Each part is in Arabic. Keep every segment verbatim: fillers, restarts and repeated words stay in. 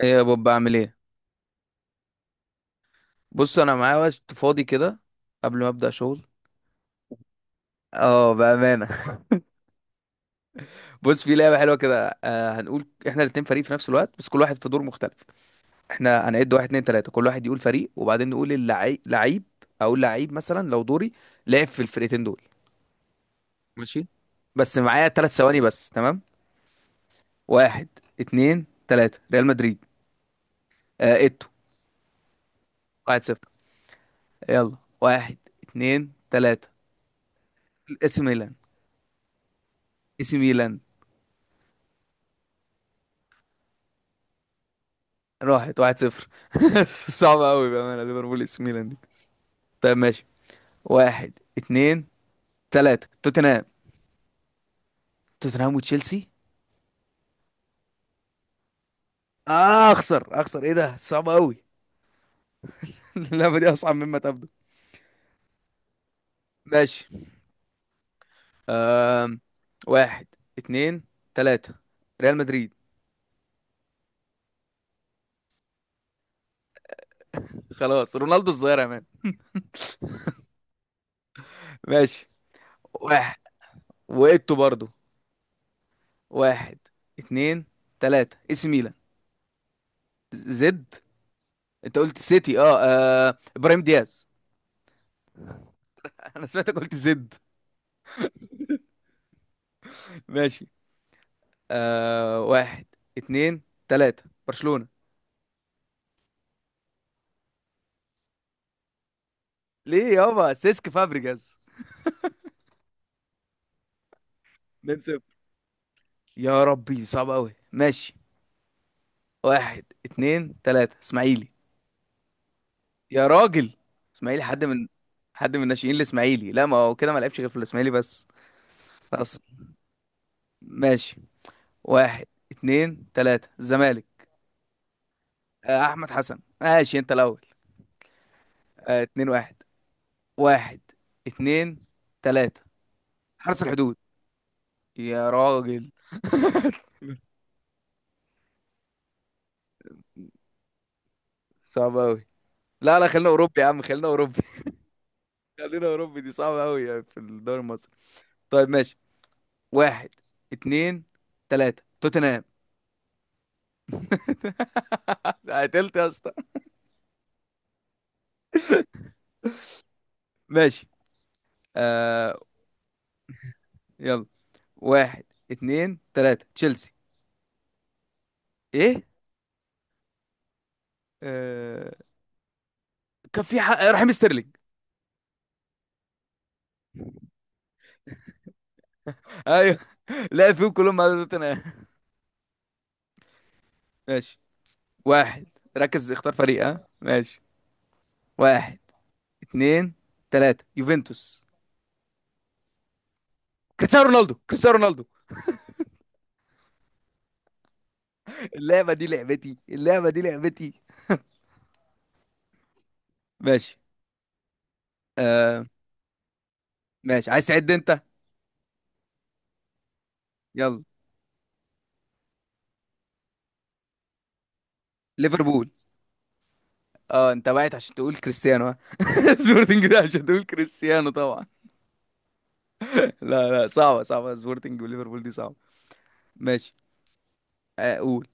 ايه يا بابا بعمل ايه؟ بص، انا معايا وقت فاضي كده قبل ما ابدا شغل. اه بامانه. بص، في لعبه حلوه كده. آه هنقول احنا الاتنين فريق في نفس الوقت، بس كل واحد في دور مختلف. احنا هنعد واحد اتنين تلاته، كل واحد يقول فريق، وبعدين نقول اللعيب لعيب. اقول لعيب مثلا لو دوري لعب في الفرقتين دول. ماشي. بس معايا تلات ثواني بس. تمام. واحد اتنين تلاته، ريال مدريد. آه اتو. واحد صفر. يلا، واحد اتنين تلاته. اسم ميلان. اسم ميلان راحت واحد صفر. صعبة أوي بأمانة، ليفربول اس ميلان دي. طيب ماشي. واحد اتنين تلاتة، توتنهام. توتنهام وتشيلسي. آه، أخسر أخسر إيه ده، صعبة أوي. اللعبة دي أصعب مما تبدو. ماشي. أم... واحد اتنين تلاتة، ريال مدريد. خلاص، رونالدو الظاهرة يا مان. ماشي. واحد، وإيتو برضو. واحد اتنين تلاتة، اس ميلان. زد. انت قلت سيتي اه، آه. ابراهيم دياز. انا سمعتك قلت زد. ماشي. آه، واحد اتنين تلاتة، برشلونة. ليه يابا، سيسك فابريجاز. اتنين صفر، يا ربي دي صعبة أوي. ماشي. واحد اتنين تلاتة، اسماعيلي. يا راجل، اسماعيلي حد من، حد من الناشئين الإسماعيلي؟ لا، ما هو كده، ما لعبش غير في الإسماعيلي بس. خلاص ماشي. واحد اتنين تلاتة، الزمالك. آه، أحمد حسن. ماشي، أنت الأول. آه، اتنين واحد. واحد اتنين تلاتة، حرس الحدود. يا راجل، صعب أوي. لا لا، خلينا اوروبي يا عم، خلينا اوروبي. خلينا اوروبي، دي صعبه قوي يعني في الدوري المصري. طيب ماشي. واحد اتنين تلاتة، توتنهام. قتلت يا اسطى. ماشي. آه يلا، واحد اتنين تلاتة، تشيلسي. ايه. آه، كان في حق... رحيم ستيرلينج. ايوه. لا، فيهم كلهم على توتنهام. ماشي. واحد. ركز، اختار فريق. ها، ماشي. واحد اتنين تلاتة، يوفنتوس. كريستيانو رونالدو، كريستيانو رونالدو! اللعبة دي لعبتي، اللعبة دي لعبتي. ماشي. آه، ماشي، عايز تعد انت. يلا. ليفربول. اه انت وقعت عشان تقول كريستيانو، ها. سبورتنج ده عشان تقول كريستيانو طبعا. لا لا، صعبة صعبة، سبورتنج وليفربول دي صعبة. ماشي. آه، قول.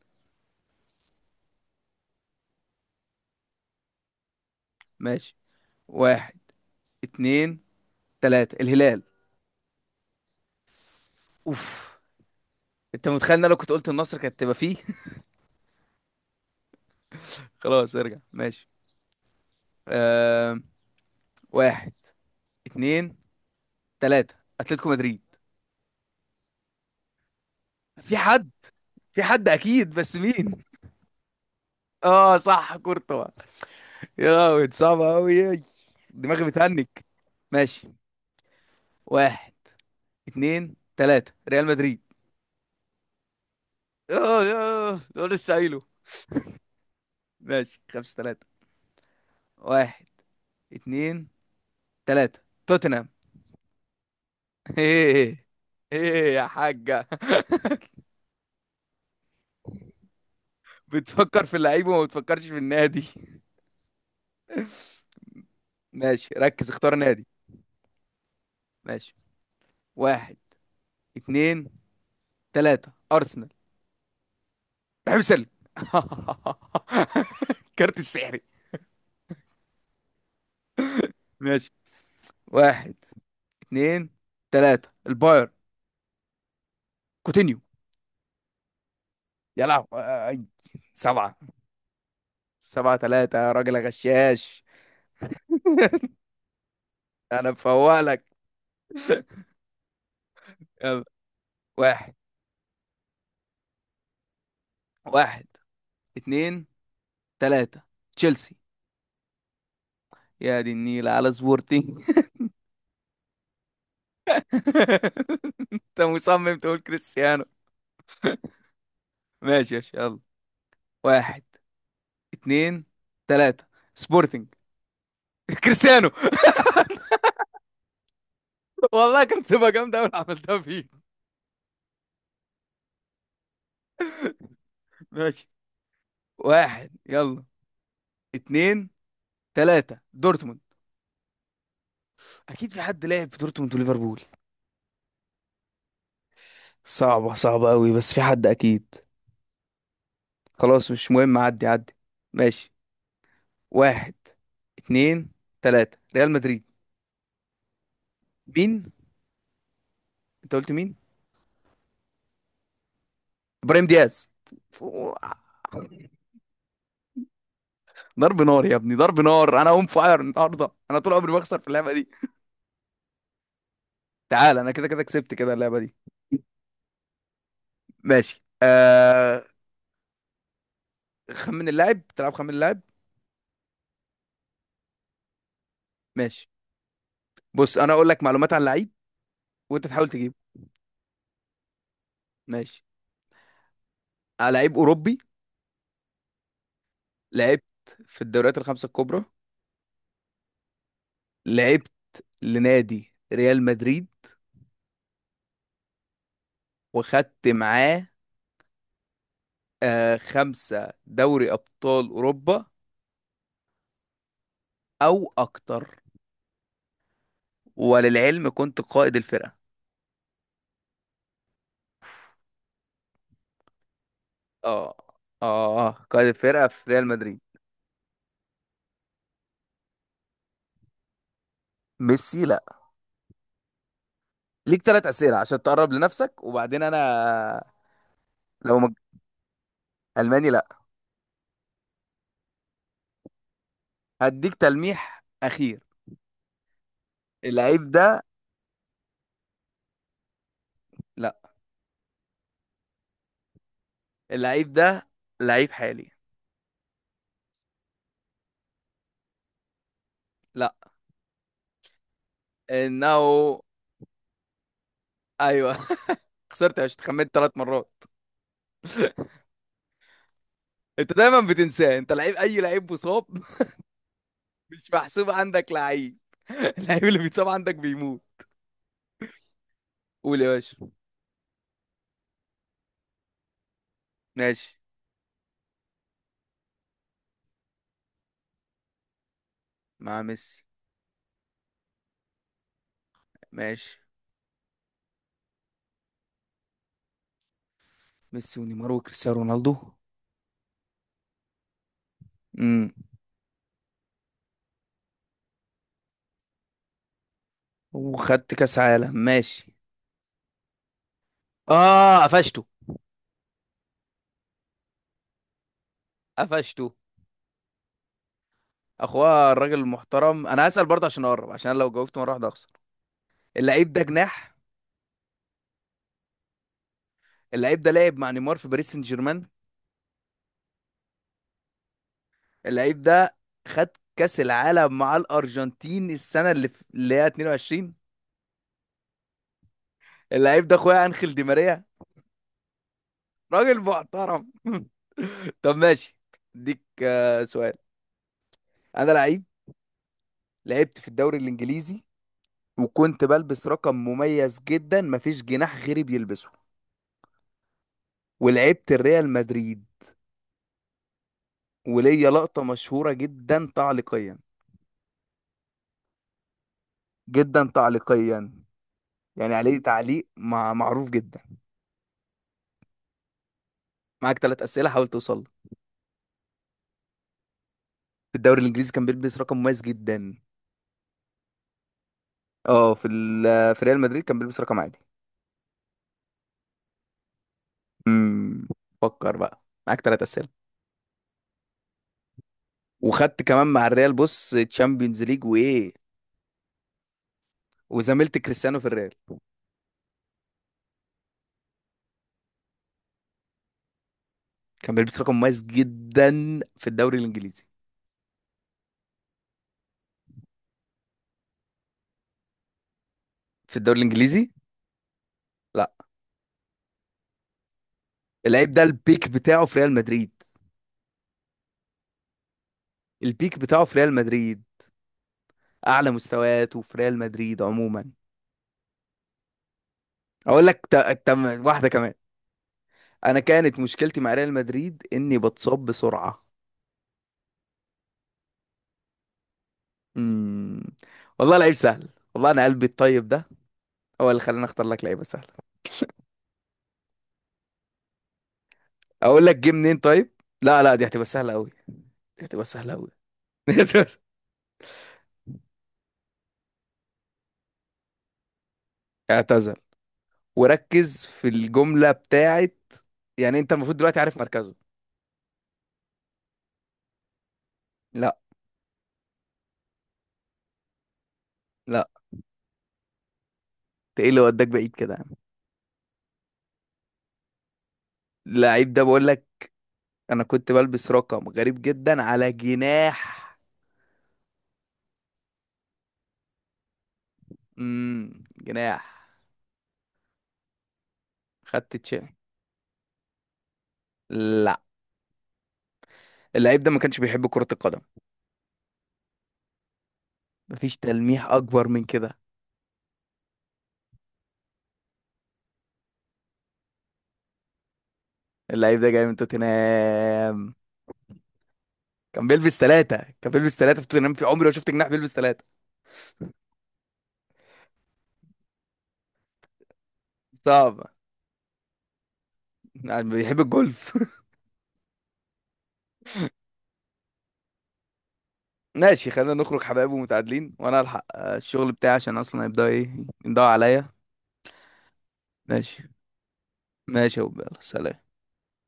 ماشي. واحد اتنين تلاتة، الهلال. اوف، انت متخيل ان انا لو كنت قلت النصر كانت تبقى فيه. خلاص، ارجع. ماشي. آه، واحد اتنين تلاتة، اتلتيكو مدريد. في حد، في حد اكيد بس مين؟ اه صح، كورتوا. يا لهوي، دي صعبة أوي. دماغي بتهنج. ماشي. واحد اتنين تلاتة، ريال مدريد. اه، اه ده لسه قايله. ماشي، خمسة تلاتة. واحد اتنين تلاتة، توتنهام. ايه؟ ايه يا حاجة؟ بتفكر في اللعيب وما بتفكرش في النادي. ماشي، ركز اختار نادي. ماشي، واحد اتنين تلاتة، أرسنال. رحيم سلم. الكارت السحري. ماشي. واحد اتنين تلاتة، الباير. كوتينيو. يا لهوي آي. سبعة. سبعة تلاتة يا راجل غشاش. انا بفوق لك. يلا. واحد. واحد اتنين تلاتة، تشيلسي. يا دي النيلة على سبورتي. انت مصمم تقول كريستيانو. ماشي ماشي، يلا. واحد اتنين تلاتة، سبورتنج. كريستيانو. والله كانت تبقى جامدة أوي لو عملتها فيك. ماشي. واحد يلا، اتنين تلاتة، دورتموند. اكيد في حد لعب في دورتموند وليفربول. صعبة، صعبة قوي، بس في حد اكيد. خلاص، مش مهم، عدي عدي. ماشي. واحد اتنين تلاتة، ريال مدريد. مين؟ انت قلت مين؟ ابراهيم دياز. فو- ضرب نار يا ابني، ضرب نار، انا اون فاير النهارده، انا طول عمري بخسر في اللعبة دي. تعال، انا كده كده كسبت كده اللعبة دي. ماشي. آه... خمن اللاعب، تلعب خمن اللاعب؟ ماشي. بص، انا اقول لك معلومات عن لعيب وانت تحاول تجيبه. ماشي. آه، لعيب اوروبي. لعبت في الدوريات الخمسة الكبرى. لعبت لنادي ريال مدريد. وخدت معاه آه خمسة دوري أبطال أوروبا أو أكتر. وللعلم، كنت قائد الفرقة. اه، اه قائد الفرقة في ريال مدريد. ميسي لا. ليك ثلاث أسئلة عشان تقرب لنفسك، وبعدين أنا. لو مج... ألماني لا. هديك تلميح أخير. اللعيب ده لا. اللعيب ده لعيب حالي. لا. إنه. أيوه. خسرت يا باشا، اتخمنت ثلاث مرات. انت دايما بتنساه، انت لعيب اي لعيب مصاب. مش محسوب عندك لعيب. اللعيب اللي بيتصاب عندك بيموت. قول يا باشا. ماشي. مع ميسي. ماشي. ميسي ونيمار وكريستيانو رونالدو. امم وخدت كاس عالم، ماشي. اه قفشته. قفشته اخويا الراجل المحترم. انا هسأل برضه عشان اقرب، عشان لو جاوبت مره واحده اخسر. اللعيب ده جناح. اللعيب ده لعب مع نيمار في باريس سان جيرمان. اللعيب ده خد كأس العالم مع الأرجنتين السنة اللي في اللي هي اتنين وعشرين. اللعيب ده أخويا أنخيل دي ماريا. راجل محترم. طب ماشي، اديك آه، سؤال. أنا لعيب، لعبت في الدوري الإنجليزي، وكنت بلبس رقم مميز جدا، مفيش جناح غيري بيلبسه. ولعبت الريال مدريد، وليا لقطة مشهورة جدا تعليقيا. جدا تعليقيا، يعني عليه تعليق مع معروف جدا. معاك ثلاث أسئلة، حاول توصل له. في الدوري الإنجليزي كان بيلبس رقم مميز جدا. اه في ال- في ريال مدريد كان بيلبس رقم عادي. امم فكر بقى، معاك ثلاث اسئله. وخدت كمان مع الريال، بص، تشامبيونز ليج وايه. وزميلت كريستيانو في الريال. كان بيلبس رقم مميز جدا في الدوري الانجليزي. في الدوري الانجليزي. لا. اللعيب ده البيك بتاعه في ريال مدريد. البيك بتاعه في ريال مدريد. اعلى مستوياته في ريال مدريد عموما. اقول لك ت... ت... واحده كمان. انا كانت مشكلتي مع ريال مدريد اني بتصاب بسرعه. امم والله لعيب سهل، والله انا قلبي الطيب ده هو اللي خلاني اختار لك لعيبه سهله. اقول لك جه منين طيب. لا لا، دي هتبقى سهله قوي، دي هتبقى سهله قوي. اعتذر، وركز في الجمله بتاعت، يعني انت المفروض دلوقتي عارف مركزه. لا. لا انت ايه اللي وداك بعيد كده يا عم. اللعيب ده، بقول لك، انا كنت بلبس رقم غريب جدا على جناح. امم جناح. خدت تشي. لا. اللعيب ده ما كانش بيحب كرة القدم. مفيش تلميح اكبر من كده. اللعيب ده جاي من توتنهام. كان بيلبس ثلاثة. كان بيلبس ثلاثة في توتنهام، في عمري ما شفت جناح بيلبس ثلاثة. صعب. يعني بيحب الجولف. ماشي، خلينا نخرج حبايب ومتعادلين، وانا الحق آه، الشغل بتاعي، عشان اصلا هيبدأ ايه، ينضوي عليا. ماشي. ماشي يا أبو، يلا سلام.